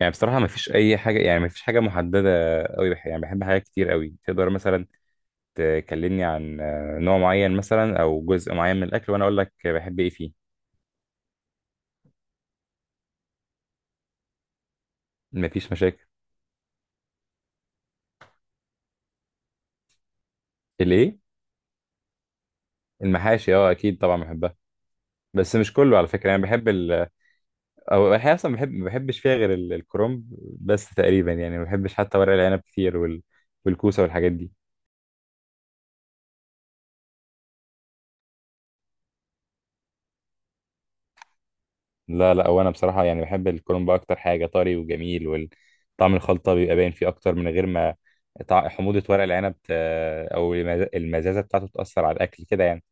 يعني بصراحة مفيش أي حاجة، يعني مفيش حاجة محددة أوي. يعني بحب حاجات كتير أوي. تقدر مثلا تكلمني عن نوع معين، مثلا أو جزء معين من الأكل، وأنا أقول لك بحب إيه فيه. مفيش مشاكل. الإيه؟ المحاشي، أه أكيد طبعا بحبها، بس مش كله على فكرة. يعني بحب ال أو الحقيقة أصلا بحب، ما بحبش فيها غير الكرنب بس تقريبا. يعني ما بحبش حتى ورق العنب كتير، والكوسة والحاجات دي. لا لا، وانا بصراحه يعني بحب الكرنب اكتر حاجه، طري وجميل وطعم الخلطه بيبقى باين فيه اكتر، من غير ما حموضه ورق العنب او المزازه بتاعته تاثر على الاكل كده يعني.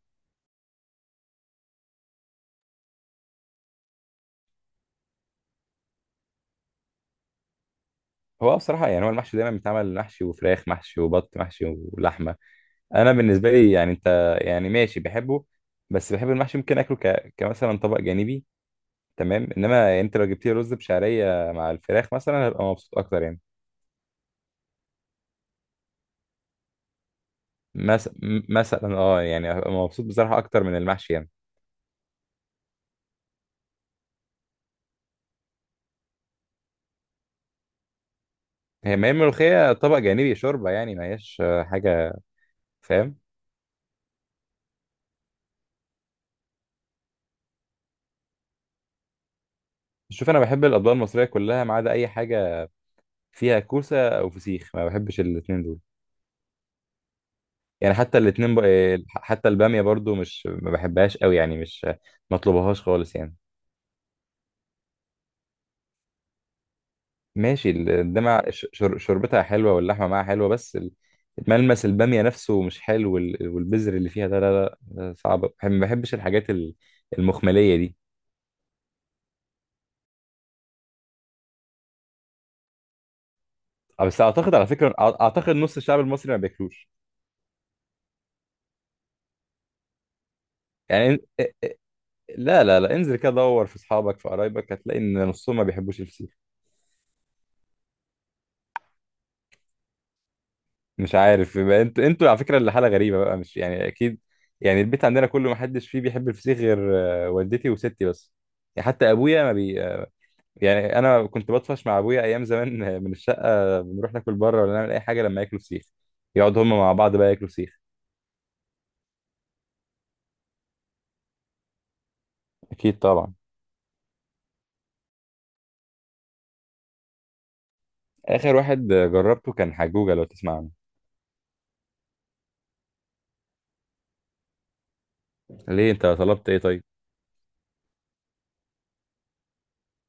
هو بصراحه يعني، هو المحشي دايما بيتعمل محشي وفراخ محشي وبط محشي ولحمه. انا بالنسبه لي يعني، انت يعني ماشي بحبه، بس بحب المحشي ممكن اكله كمثلا طبق جانبي. تمام، انما انت لو جبت لي رز بشعريه مع الفراخ مثلا هبقى مبسوط اكتر يعني. مثلا، مثلا اه، يعني هبقى مبسوط بصراحه اكتر من المحشي يعني. هي ما هي الملوخية طبق جانبي، شوربة يعني، ما هياش حاجة. فاهم. شوف، أنا بحب الأطباق المصرية كلها ما عدا أي حاجة فيها كوسة أو فسيخ، ما بحبش الاتنين دول. يعني حتى الاتنين ب... آه، حتى البامية برضو مش، ما بحبهاش قوي يعني، مش ما اطلبهاش خالص يعني. ماشي، الدمع شربتها حلوة واللحمة معاها حلوة، بس ملمس البامية نفسه مش حلو، والبذر اللي فيها ده لا لا، ده صعب، ما بحبش الحاجات المخملية دي. بس أعتقد على فكرة، أعتقد نص الشعب المصري ما بياكلوش. يعني لا لا لا، انزل كده دور في اصحابك، في قرايبك، هتلاقي ان نصهم ما بيحبوش الفسيخ. مش عارف، يبقى انتوا، على فكره اللي حاله غريبه بقى، مش يعني اكيد. يعني البيت عندنا كله ما حدش فيه بيحب الفسيخ غير والدتي وستي بس. يعني حتى ابويا ما بي آه، يعني انا كنت بطفش مع ابويا ايام زمان من الشقه، بنروح ناكل بره ولا نعمل اي حاجه لما ياكلوا فسيخ، يقعدوا هم مع بعض بقى ياكلوا فسيخ. اكيد طبعا. اخر واحد جربته كان حجوجه، لو تسمع عنه. ليه، انت طلبت ايه طيب؟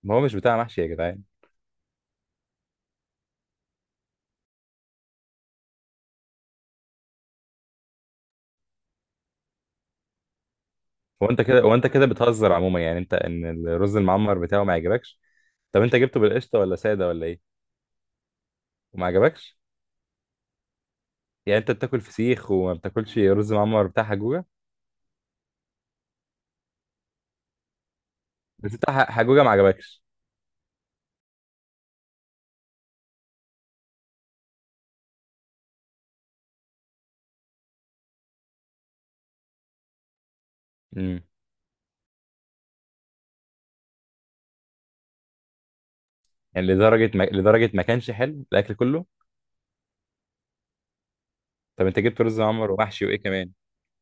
ما هو مش بتاع محشي يا جدعان. هو انت كده بتهزر عموما، يعني انت ان الرز المعمر بتاعه ما عجبكش؟ طب انت جبته بالقشطه ولا ساده ولا ايه؟ وما عجبكش؟ يعني انت بتاكل فسيخ وما بتاكلش رز معمر بتاع حجوجه؟ بس بتاع حجوجه ما عجبكش. امم. يعني لدرجه ما كانش حلو الاكل كله؟ طب انت جبت رز معمر ومحشي وايه كمان؟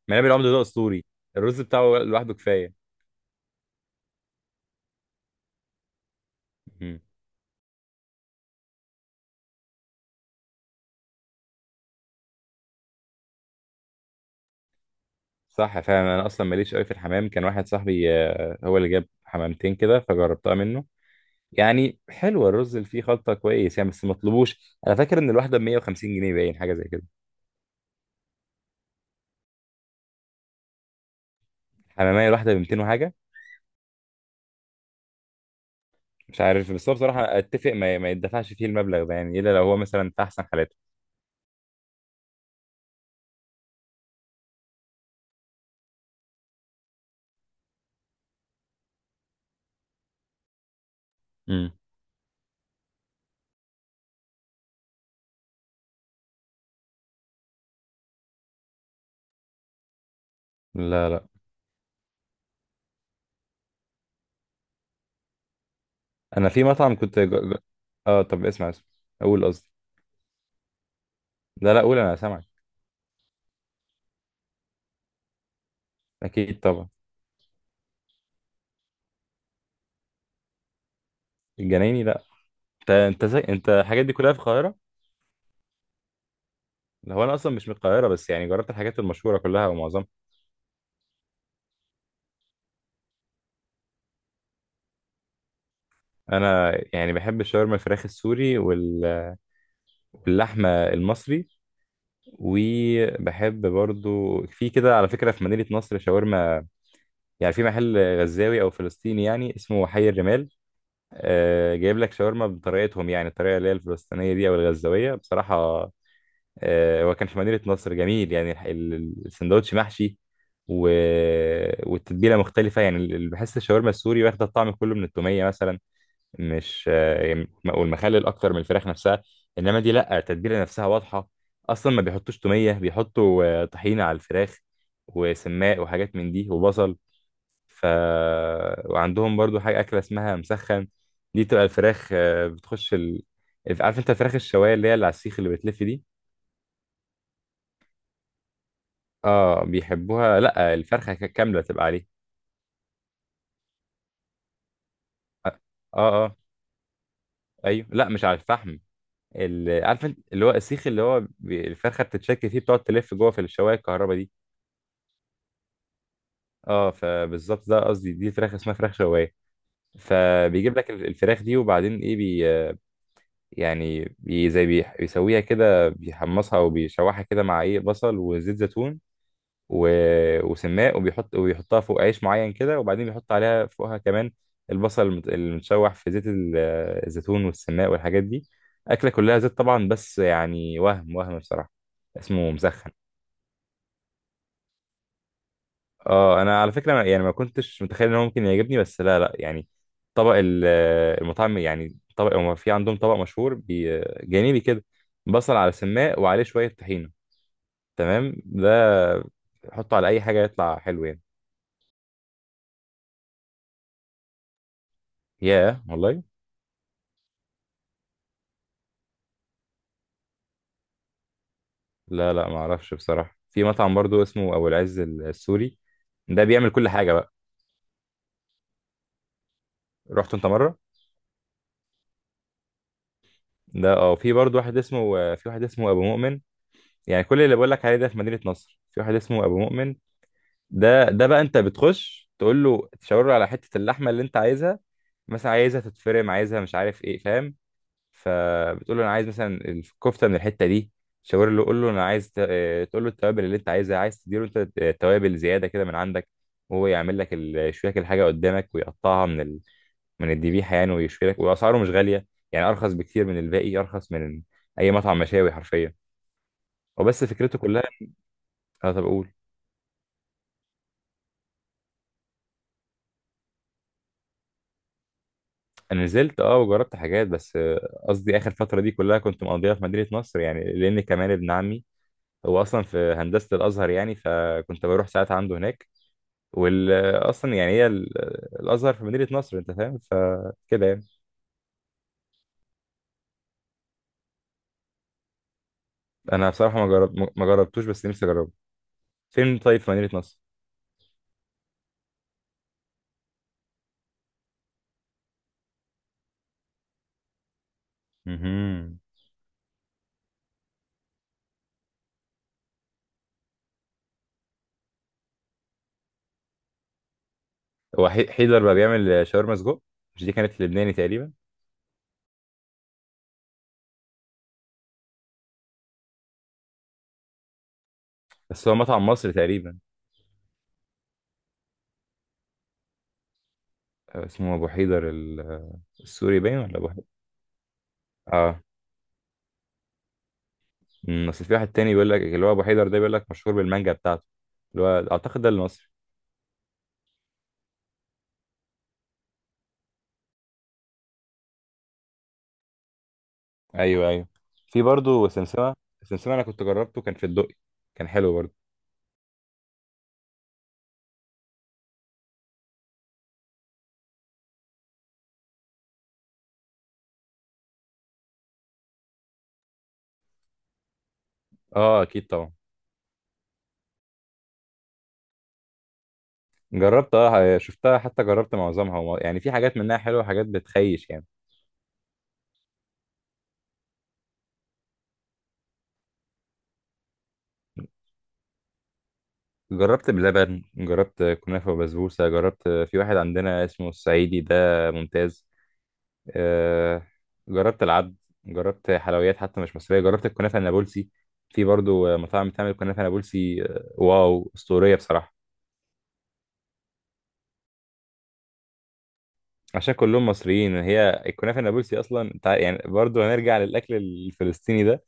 منابل العمده ده اسطوري، الرز بتاعه لوحده كفايه. امم. صح فعلا، انا اصلا ماليش قوي في الحمام. كان واحد صاحبي هو اللي جاب حمامتين كده فجربتها منه، يعني حلو الرز اللي فيه، خلطة كويس يعني، بس ما تطلبوش. انا فاكر ان الواحدة ب 150 جنيه باين، حاجة زي كده. الحمامية الواحدة ب 200 وحاجة؟ مش عارف، بس هو بصراحة اتفق ما يدفعش فيه المبلغ ده يعني، الا لو هو مثلا في احسن حالاته. امم. لا لا. انا في مطعم اه طب اسمع، اسمع، اقول قصدي. لا لا، قول انا سامعك. اكيد طبعا. الجنايني لا. انت انت زي انت الحاجات دي كلها في القاهرة؟ لا، هو انا اصلا مش من القاهرة، بس يعني جربت الحاجات المشهورة كلها او معظمها. انا يعني بحب الشاورما الفراخ السوري، واللحمة المصري، وبحب برضو في كده على فكرة في مدينة نصر شاورما، يعني في محل غزاوي أو فلسطيني يعني، اسمه حي الرمال. آه جايب لك شاورما بطريقتهم يعني، الطريقة اللي هي الفلسطينية دي أو الغزاوية بصراحة. آه هو كان في مدينة نصر جميل يعني، السندوتش محشي و... والتتبيلة مختلفة يعني. بحس الشاورما السوري واخدة الطعم كله من التومية مثلا، مش والمخلل اكتر من الفراخ نفسها. انما دي لا، التتبيله نفسها واضحه، اصلا ما بيحطوش توميه، بيحطوا طحينه على الفراخ وسماق وحاجات من دي وبصل. ف وعندهم برضو حاجه اكله اسمها مسخن. دي تبقى الفراخ عارف انت الفراخ الشوايه اللي هي اللي على السيخ اللي بتلف دي؟ اه بيحبوها، لا الفرخه كامله تبقى عليه. اه اه ايوه، لا مش على الفحم. عارف انت اللي هو السيخ اللي هو الفرخه بتتشكل فيه، بتقعد تلف جوه في الشوايه الكهرباء دي. اه فبالظبط ده قصدي، دي فراخ اسمها فراخ شوايه. فبيجيب لك الفراخ دي، وبعدين ايه بي، يعني بي زي بي بيسويها كده، بيحمصها وبيشوحها كده مع ايه، بصل وزيت زيتون و... وسماق، وبيحط وبيحطها فوق عيش معين كده، وبعدين بيحط عليها فوقها كمان البصل المتشوح في زيت الزيتون والسماق والحاجات دي. أكلة كلها زيت طبعا، بس يعني وهم وهم بصراحة. اسمه مسخن. اه انا على فكرة يعني ما كنتش متخيل ان هو ممكن يعجبني، بس لا لا يعني، طبق المطعم يعني، هو في عندهم طبق مشهور جانبي كده، بصل على سماق وعليه شوية طحينة. تمام ده حطه على اي حاجة يطلع حلو يعني. ياه والله. لا لا، ما اعرفش بصراحة. في مطعم برضو اسمه ابو العز السوري، ده بيعمل كل حاجة بقى. رحت انت مرة؟ ده اه. في برضو واحد اسمه في واحد اسمه ابو مؤمن. يعني كل اللي بقول لك عليه ده في مدينة نصر، في واحد اسمه ابو مؤمن، ده بقى انت بتخش تقول له، تشاور له على حتة اللحمة اللي انت عايزها، مثلا عايزها تتفرم، عايزها مش عارف ايه، فاهم؟ فبتقول له انا عايز مثلا الكفته من الحته دي، تشاور له، قول له انا عايز تقول له التوابل اللي انت عايزها، عايز تديله انت توابل زياده كده من عندك، وهو يعمل لك يشوي لك الحاجه قدامك، ويقطعها من من الذبيحه يعني، ويشوي لك، واسعاره مش غاليه يعني، ارخص بكتير من الباقي، ارخص من اي مطعم مشاوي حرفيا، وبس فكرته كلها. اه طب اقول. انا نزلت اه وجربت حاجات، بس قصدي اخر فتره دي كلها كنت مقضيها في مدينه نصر يعني، لان كمان ابن عمي هو اصلا في هندسه الازهر يعني، فكنت بروح ساعات عنده هناك. واصلا يعني هي الازهر في مدينه نصر انت فاهم، فكده يعني. انا بصراحه ما جربتوش، بس نفسي اجربه. فين طيب، في مدينه نصر؟ امم. هو حيدر بقى بيعمل شاورما سجق؟ مش دي كانت لبناني تقريبا؟ بس هو مطعم مصري تقريبا. اسمه ابو حيدر السوري باين، ولا ابو حيدر؟ اه. أمم، اصل في واحد تاني بيقول لك اللي هو ابو حيدر ده، بيقول لك مشهور بالمانجا بتاعته، اللي هو اعتقد ده المصري. ايوه ايوه. في برضه سمسمه، سمسمه انا كنت جربته كان في الدقي، كان حلو برضه. اه اكيد طبعا. جربت اه، شفتها حتى، جربت معظمها، يعني في حاجات منها حلوة وحاجات بتخيش يعني. جربت بلبن، جربت كنافة وبسبوسة، جربت في واحد عندنا اسمه الصعيدي ده ممتاز، آه، جربت العبد، جربت حلويات حتى مش مصرية، جربت الكنافة النابلسي. في برضو مطاعم بتعمل كنافة نابلسي واو أسطورية بصراحة. عشان كلهم مصريين، هي الكنافة النابلسي أصلا يعني برضو هنرجع للأكل الفلسطيني ده.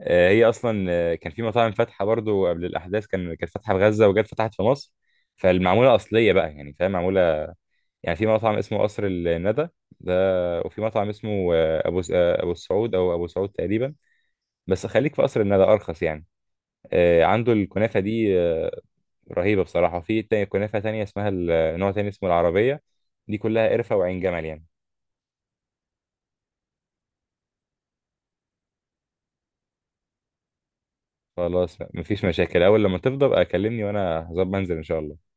هي اصلا كان في مطاعم فاتحه برضو قبل الاحداث، كان كانت فاتحه في غزه وجت فتحت في مصر، فالمعموله اصليه بقى يعني، فاهم معموله. يعني في مطعم اسمه قصر الندى ده، وفي مطعم اسمه ابو س- آه، ابو السعود او ابو سعود تقريبا، بس خليك في قصر الندى ارخص يعني. عنده الكنافه دي رهيبه بصراحه. وفي كنافه تانية اسمها نوع تاني اسمه العربيه، دي كلها قرفه وعين جمل يعني. خلاص مفيش مشاكل، اول لما تفضى بقى كلمني، وانا هظبط انزل ان شاء الله.